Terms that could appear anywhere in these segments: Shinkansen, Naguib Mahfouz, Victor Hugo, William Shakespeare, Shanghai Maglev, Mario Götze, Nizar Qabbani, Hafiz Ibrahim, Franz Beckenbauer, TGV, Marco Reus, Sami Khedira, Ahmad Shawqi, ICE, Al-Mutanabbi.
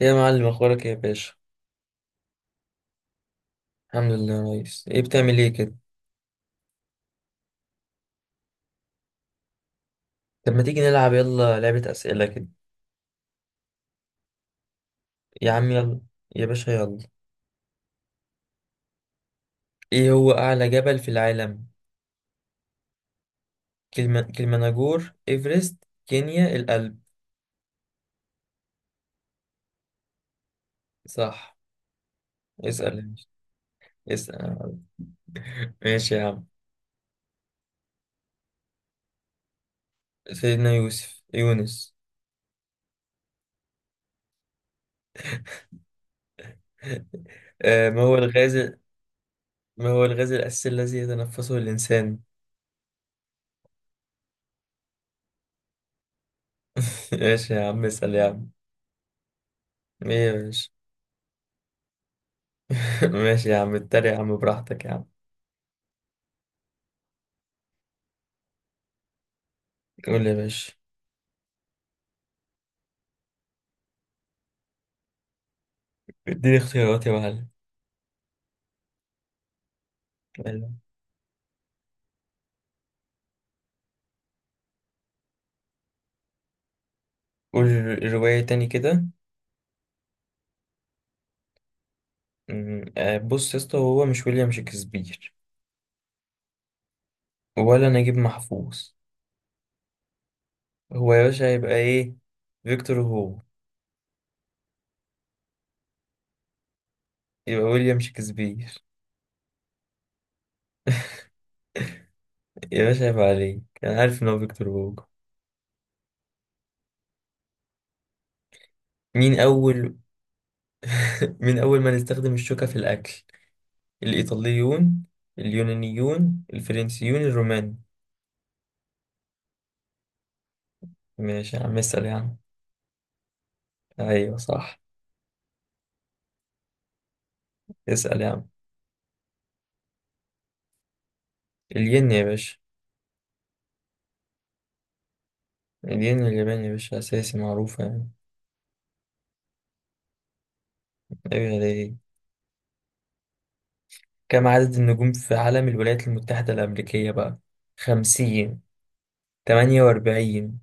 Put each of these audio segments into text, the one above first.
يا معلم، اخبارك ايه يا باشا؟ الحمد لله كويس. ايه بتعمل ايه كده؟ طب ما تيجي نلعب يلا لعبة اسئلة كده. يا عم يلا. يا باشا يلا. ايه هو اعلى جبل في العالم؟ كلمة كلمناجور، ايفرست، كينيا، الألب. صح. اسأل يا باشا. اسأل. ماشي يا عم. سيدنا يوسف، يونس. ما هو الغاز؟ ما هو الغاز الأساسي الذي يتنفسه الإنسان؟ ماشي يا عم، اسأل يا عم. ايه يا باشا؟ ماشي يا عم، اتريق يا عم براحتك يا عم. قول يا باشا. اديني اختيارات يا معلم. حلو. قول الرواية تاني كده. أمم، آه، بص يا اسطى، هو مش ويليام شكسبير ولا نجيب محفوظ. هو يا باشا هيبقى ايه؟ فيكتور هوجو. يبقى ويليام شكسبير. يا باشا هيبقى عليك، انا عارف ان هو فيكتور هوجو. مين اول. مين اول من استخدم الشوكة في الاكل؟ الايطاليون، اليونانيون، الفرنسيون، الرومان. ماشي يا عم، اسال يا عم. ايوه صح. اسال يا عم. الين يا باشا. الين الياباني يا باشا، اساسي معروفة يعني. ايوه ليه؟ كم عدد النجوم في علم الولايات المتحدة الأمريكية بقى؟ خمسين. تمانية وأربعين.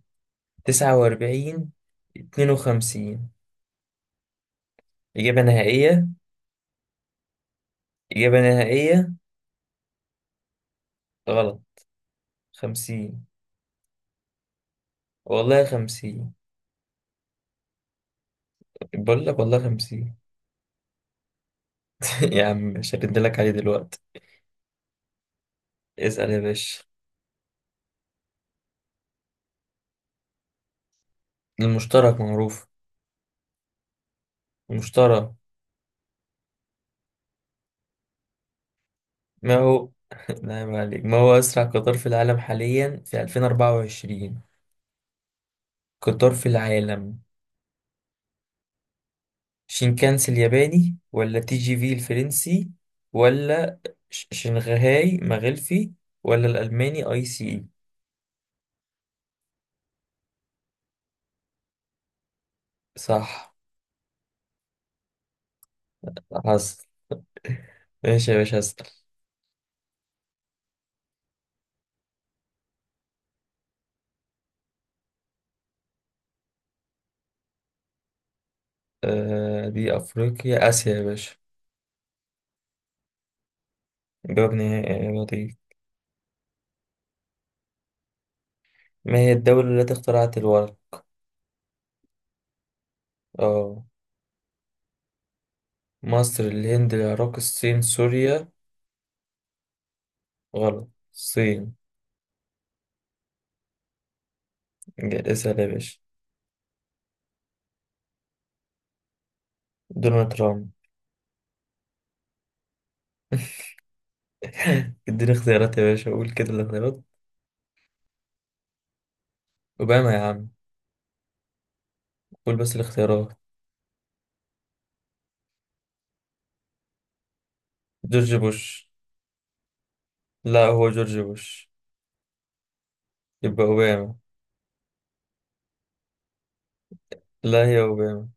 تسعة وأربعين. اتنين وخمسين. إجابة نهائية. إجابة نهائية. غلط. خمسين. والله خمسين. بقول لك والله خمسين. يا عم مش هردلك عليه دلوقتي. اسأل يا باشا. المشترك معروف. المشترك. ما هو نعم عليك. ما هو أسرع قطار في العالم حاليا في 2024؟ قطار في العالم. شينكانسي الياباني، ولا تي جي في الفرنسي، ولا شنغهاي مغلفي، ولا الألماني اي سي اي. صح. حصل. ماشي يا باشا، هسأل. دي أفريقيا، آسيا يا باشا. جواب نهائي، يا لطيف. ما هي الدولة التي اخترعت الورق؟ اه. مصر، الهند، العراق، الصين، سوريا. غلط، الصين. اسأل يا باشا. دونالد ترامب. اديني اختيارات يا باشا، قول كده الاختيارات. أوباما. يا عم. قول بس الاختيارات. جورج بوش. لا هو جورج بوش. يبقى أوباما. لا هي أوباما.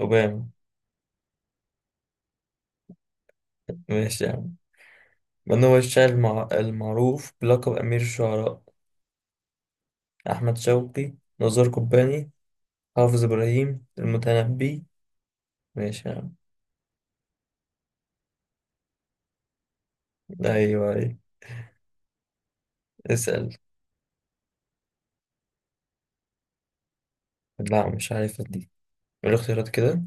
أوباما. ماشي يا عم. من هو الشاعر المعروف بلقب أمير الشعراء؟ أحمد شوقي. نزار قباني. حافظ إبراهيم، المتنبي. ماشي يا عم. أيوة أيوة. اسأل. لا مش عارف دي. الاختيارات كده.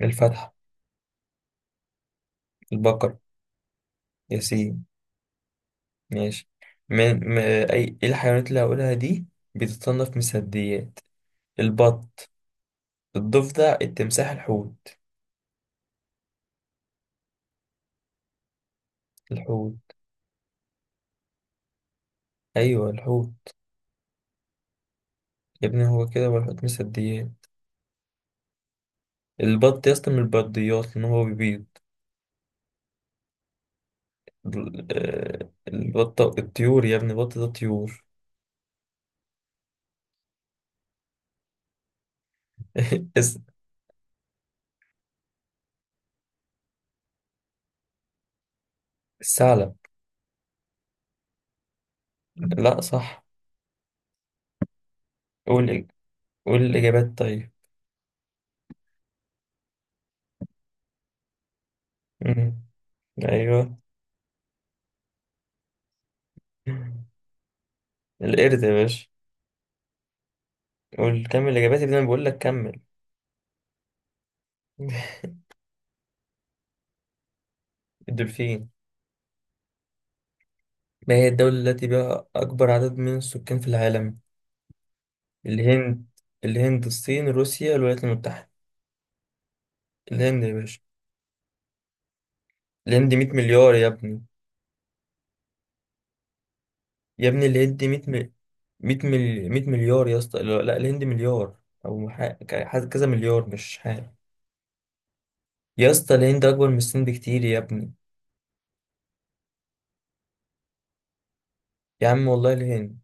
الفتح. البقر. ياسين. ماشي. من م... إيه الحيوانات اللي هقولها دي بتتصنف من الثدييات؟ البط. الضفدع، التمساح، الحوت. الحوت. ايوه الحوت. يا ابني هو كده، هو الحوت مصديات. البط يا اسطى من البرديات، لان هو بيبيض. ال- البطة، الطيور يا ابني، البط ده طيور. الس- الثعلب. لا صح. قول ال- قول الاجابات طيب. مم. ايوه. القرد يا باشا. قول كمل الاجابات يا ابني، انا بقول لك كمل. الدولفين. ما هي الدولة التي بها أكبر عدد من السكان في العالم؟ الهند. الهند، الصين، روسيا، الولايات المتحدة. الهند يا باشا. اللي يدي 100 مليار يا ابني. يا ابني اللي يدي 100 مليار يا اسطى. لا لا، الهند مليار. او مح... ك- ح- كذا مليار مش حاجه. يا اسطى الهند اكبر من الصين بكتير يا ابني. يا عم والله الهند.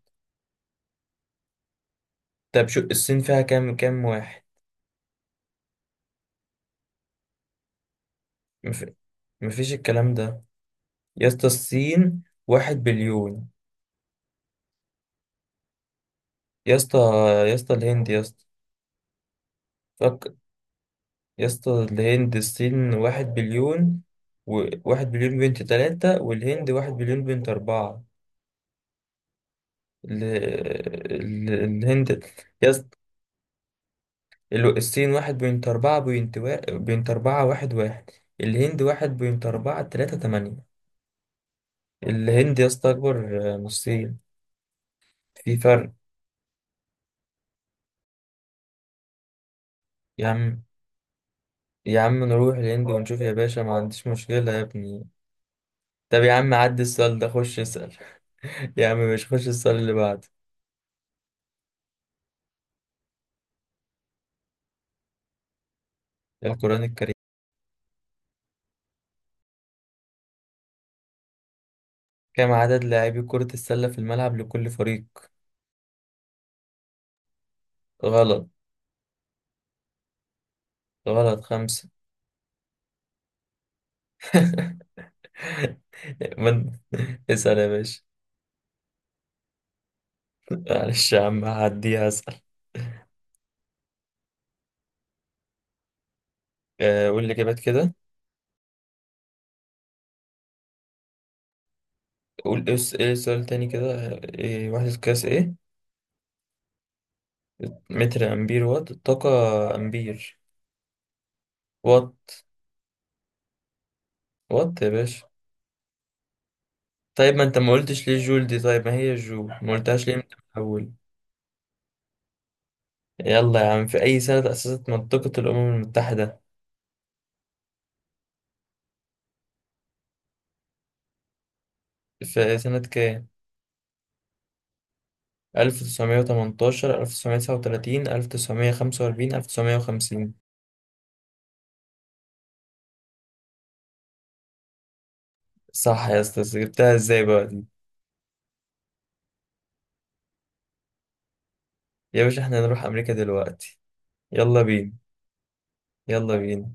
طب شو الصين فيها كام كام واحد. مف... مفيش الكلام ده. يا اسطى الصين واحد بليون. يا اسطى. يا اسطى الهند يا اسطى. فك... يا اسطى الهند، الصين واحد بليون. واحد بليون بنت تلاتة، والهند واحد بليون بنت أربعة. ال- الهند. يس. الصين واحد بوينت أربعة، بوينت أربعة واحد واحد. الهند واحد بوينت أربعة تلاتة تمانية. الهند يا اسطى أكبر. من الصين. في فرق. يا عم. يا عم نروح الهند ونشوف يا باشا، ما عنديش مشكلة يا ابني. طب يا عم عدي السؤال ده، خش اسأل. يا عم مش خش السؤال اللي بعده. القرآن الكريم. كم عدد لاعبي كرة السلة في الملعب لكل فريق؟ غلط. غلط خمسة. من اسأل يا باشا. معلش يا عم هعديها، اسأل. قول الإجابات كده. قول إيه إيه السؤال تاني كده. إيه وحدة قياس إيه؟ متر، أمبير، وات، الطاقة. أمبير. وات. وات يا باشا. طيب ما أنت ما قلتش ليه جول دي؟ طيب ما هي جول، ما قلتهاش ليه من الأول؟ يلا يا عم، في أي سنة تأسست منطقة الأمم المتحدة؟ في سنة كام؟ 1918، 1939، 1945، 1950. صح يا أستاذ، جبتها إزاي بقى دي؟ يا باشا إحنا هنروح أمريكا دلوقتي. يلا بينا. يلا بينا.